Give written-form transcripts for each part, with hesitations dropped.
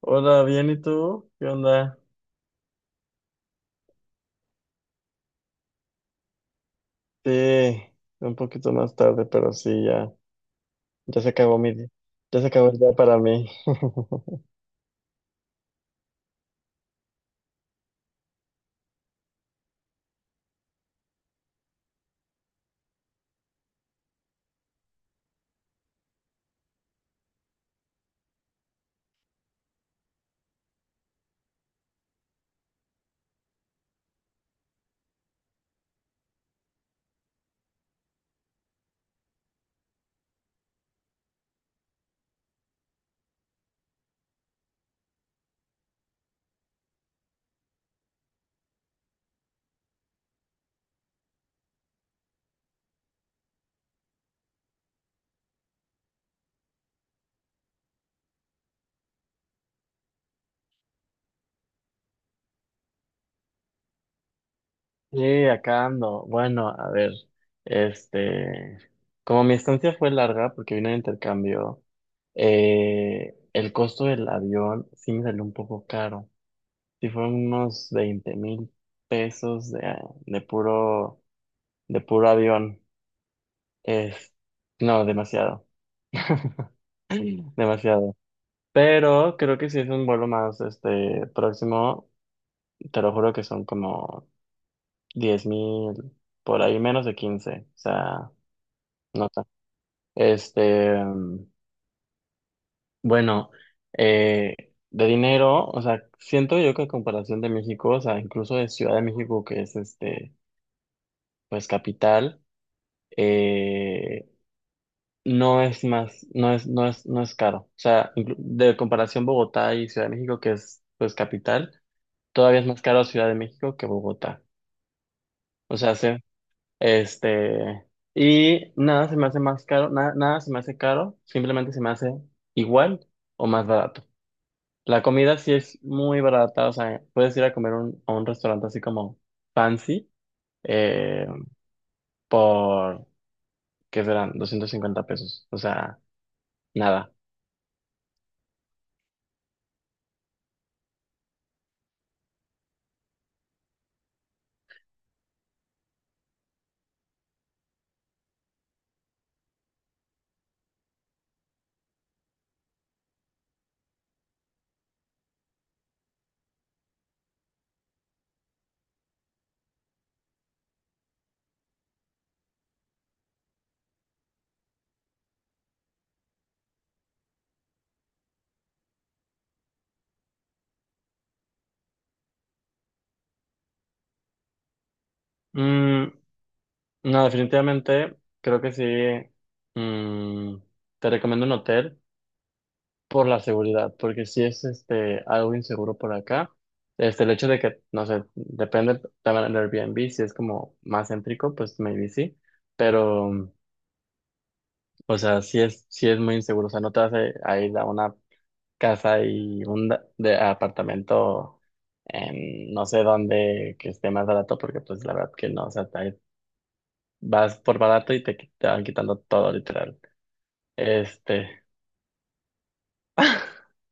Hola, bien, ¿y tú? ¿Qué onda? Sí, un poquito más tarde, pero sí, ya, ya se acabó mi día. Ya se acabó el día para mí. Sí, acá ando. Bueno, a ver, este, como mi estancia fue larga porque vine de intercambio, el costo del avión sí me salió un poco caro. Sí fueron unos 20,000 pesos de, de puro avión. Es, no, demasiado. Demasiado. Pero creo que si es un vuelo más este próximo, te lo juro que son como 10,000, por ahí menos de 15, o sea, no nota. Este, mm, bueno, eh, de dinero, o sea, siento yo que a comparación de México, o sea, incluso de Ciudad de México, que es este, pues capital, eh, no es más, no es caro. O sea, de comparación Bogotá y Ciudad de México, que es pues capital, todavía es más caro Ciudad de México que Bogotá. O sea, sí. Este, y nada se me hace más caro, nada se me hace caro, simplemente se me hace igual o más barato. La comida sí es muy barata, o sea, puedes ir a comer a un restaurante así como fancy, eh, por, ¿qué serán? 250 pesos, o sea, nada. Mm, no, definitivamente creo que sí. mm, Te recomiendo un hotel, por la seguridad, porque si es este algo inseguro por acá, este el hecho de que, no sé, depende también del Airbnb, si es como más céntrico, pues maybe sí, pero, o sea, si es muy inseguro, o sea, no a ir a una casa y de apartamento en no sé dónde que esté más barato, porque pues la verdad que no, o sea, vas por barato y te van quitando todo, literal. Este,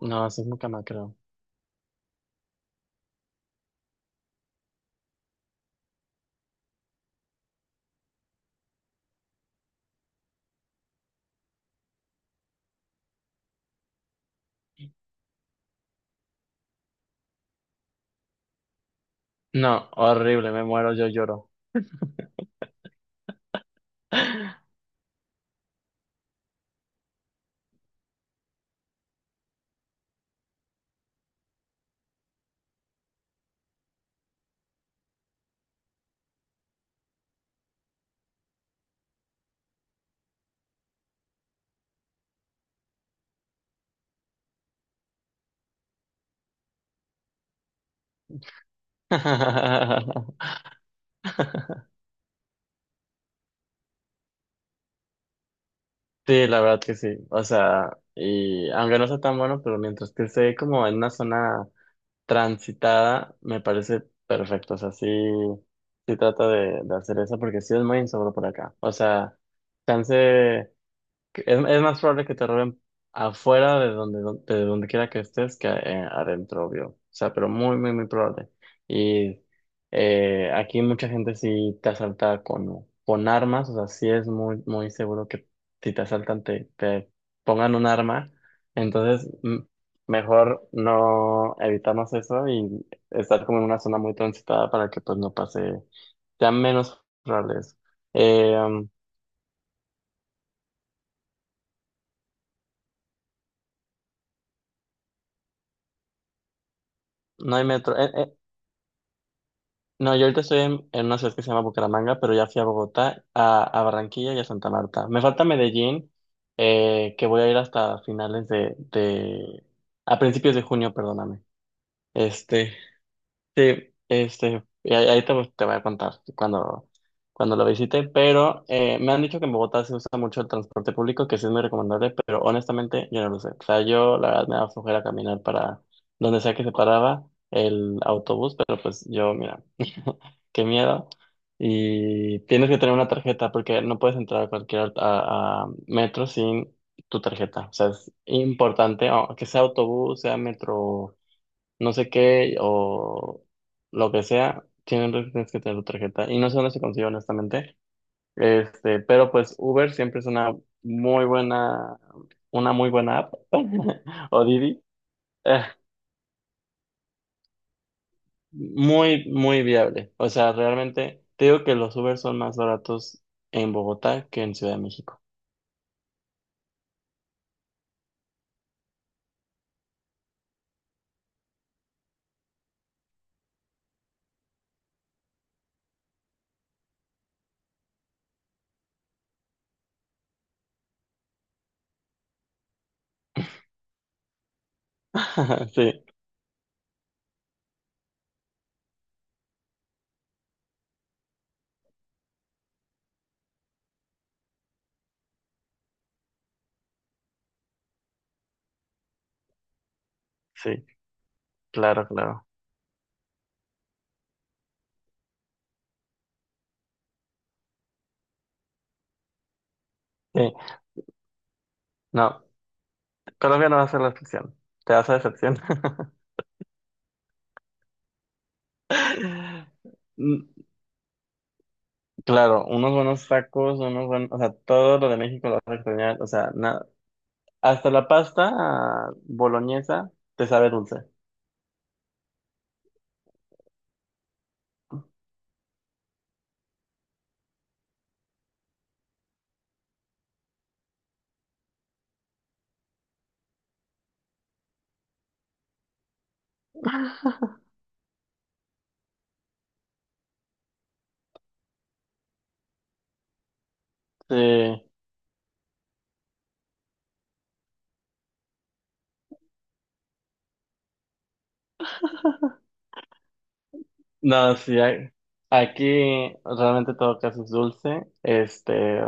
no, así es muy creo. No, horrible, me muero, yo lloro. Sí, la verdad que sí. O sea, y aunque no sea tan bueno, pero mientras que esté como en una zona transitada, me parece perfecto. O sea, sí, sí trata de hacer eso porque sí es muy inseguro por acá. O sea, chance. Que es más probable que te roben afuera de donde quiera que estés que adentro, obvio. O sea, pero muy, muy, muy probable. Y aquí mucha gente sí te asalta con armas, o sea, sí es muy, muy seguro que si te asaltan te pongan un arma. Entonces, mejor no evitarnos eso y estar como en una zona muy transitada para que pues no pase, sea menos probable eso. Eh, um, no hay metro. No, yo ahorita estoy en una ciudad que se llama Bucaramanga, pero ya fui a Bogotá, a Barranquilla y a Santa Marta. Me falta Medellín, que voy a ir hasta finales de, a principios de junio, perdóname. Este, sí, este, y ahí, te voy a contar cuando, cuando lo visite, pero me han dicho que en Bogotá se usa mucho el transporte público, que sí es muy recomendable, pero honestamente yo no lo sé. O sea, yo la verdad me da flojera caminar para donde sea que se paraba el autobús, pero pues yo, mira qué miedo. Y tienes que tener una tarjeta porque no puedes entrar a cualquier a metro sin tu tarjeta. O sea, es importante, o que sea autobús, sea metro, no sé qué, o lo que sea, tienes que tener tu tarjeta. Y no sé dónde se consigue, honestamente. Este, pero pues Uber siempre es muy buena, una muy buena app, o Didi. Muy, muy viable. O sea, realmente te digo que los Uber son más baratos en Bogotá que en Ciudad de México. Sí, sí, claro, claro. Sí, no, Colombia no va a ser la excepción. Te vas a decepcionar. Mm, claro, unos buenos tacos, unos buenos, o sea, todo lo de México lo vas a extrañar. O sea, nada, hasta la pasta boloñesa te sabe dulce. Sí, no, aquí realmente todo casi es dulce. Este.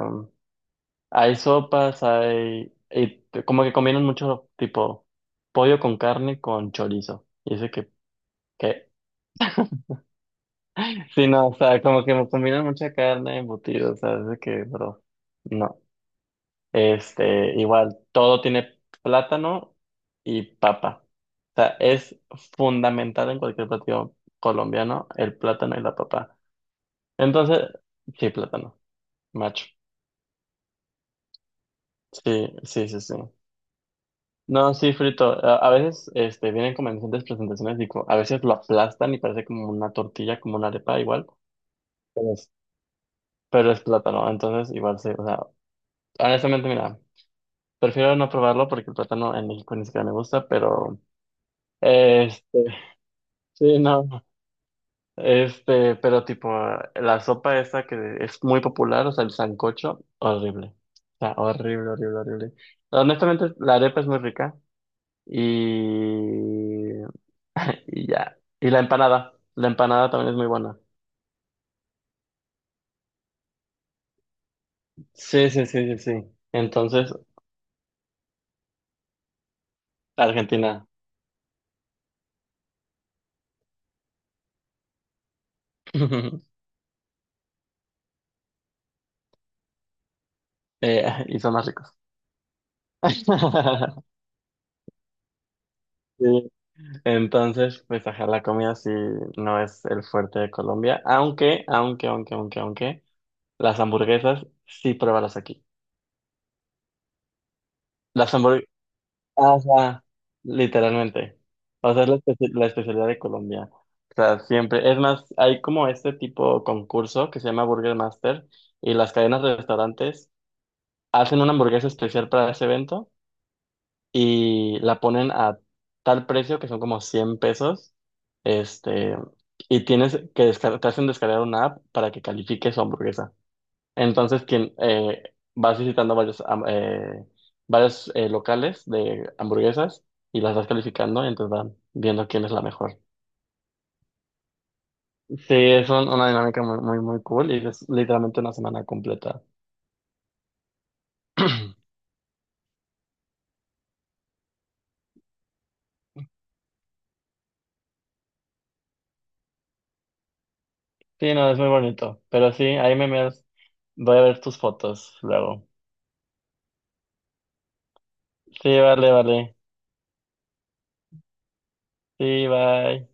Hay sopas, como que combinan mucho tipo pollo con carne con chorizo. Que, sí, no, o sea, como que me combinan mucha carne embutido, o sea, dice que, bro, no. Este, igual, todo tiene plátano y papa. O sea, es fundamental en cualquier platillo colombiano el plátano y la papa. Entonces, sí, plátano, macho. Sí, sí, sí, sí. No, sí, frito. A veces este, vienen como en diferentes presentaciones y a veces lo aplastan y parece como una tortilla, como una arepa igual. Pero es, pero es plátano, entonces igual sí. O sea, honestamente, mira, prefiero no probarlo porque el plátano en México ni siquiera me gusta, pero este, sí, no. Este, pero tipo, la sopa esa que es muy popular, o sea, el sancocho, horrible. O sea, horrible, horrible, horrible. Honestamente, la arepa es muy rica y y ya. Y la empanada. La empanada también es muy buena. Sí, sí, sí, sí, sí. Entonces, Argentina y son más ricos. Sí. Entonces, pues ajá, la comida sí no es el fuerte de Colombia. Aunque, las hamburguesas sí pruébalas aquí. Las hamburguesas. Ah, ajá, literalmente. O sea, es la, la especialidad de Colombia. O sea, siempre. Es más, hay como este tipo de concurso que se llama Burger Master y las cadenas de restaurantes hacen una hamburguesa especial para ese evento y la ponen a tal precio que son como 100 pesos. Este, y tienes que descargar, te hacen descargar una app para que califique su hamburguesa. Entonces, quien vas visitando varios, varios, locales de hamburguesas y las vas calificando, entonces van viendo quién es la mejor. Sí, es una dinámica muy, muy, muy cool y es literalmente una semana completa. Sí, no, es muy bonito. Pero sí, ahí me miras. Voy a ver tus fotos luego. Sí, vale, vale. Sí, bye.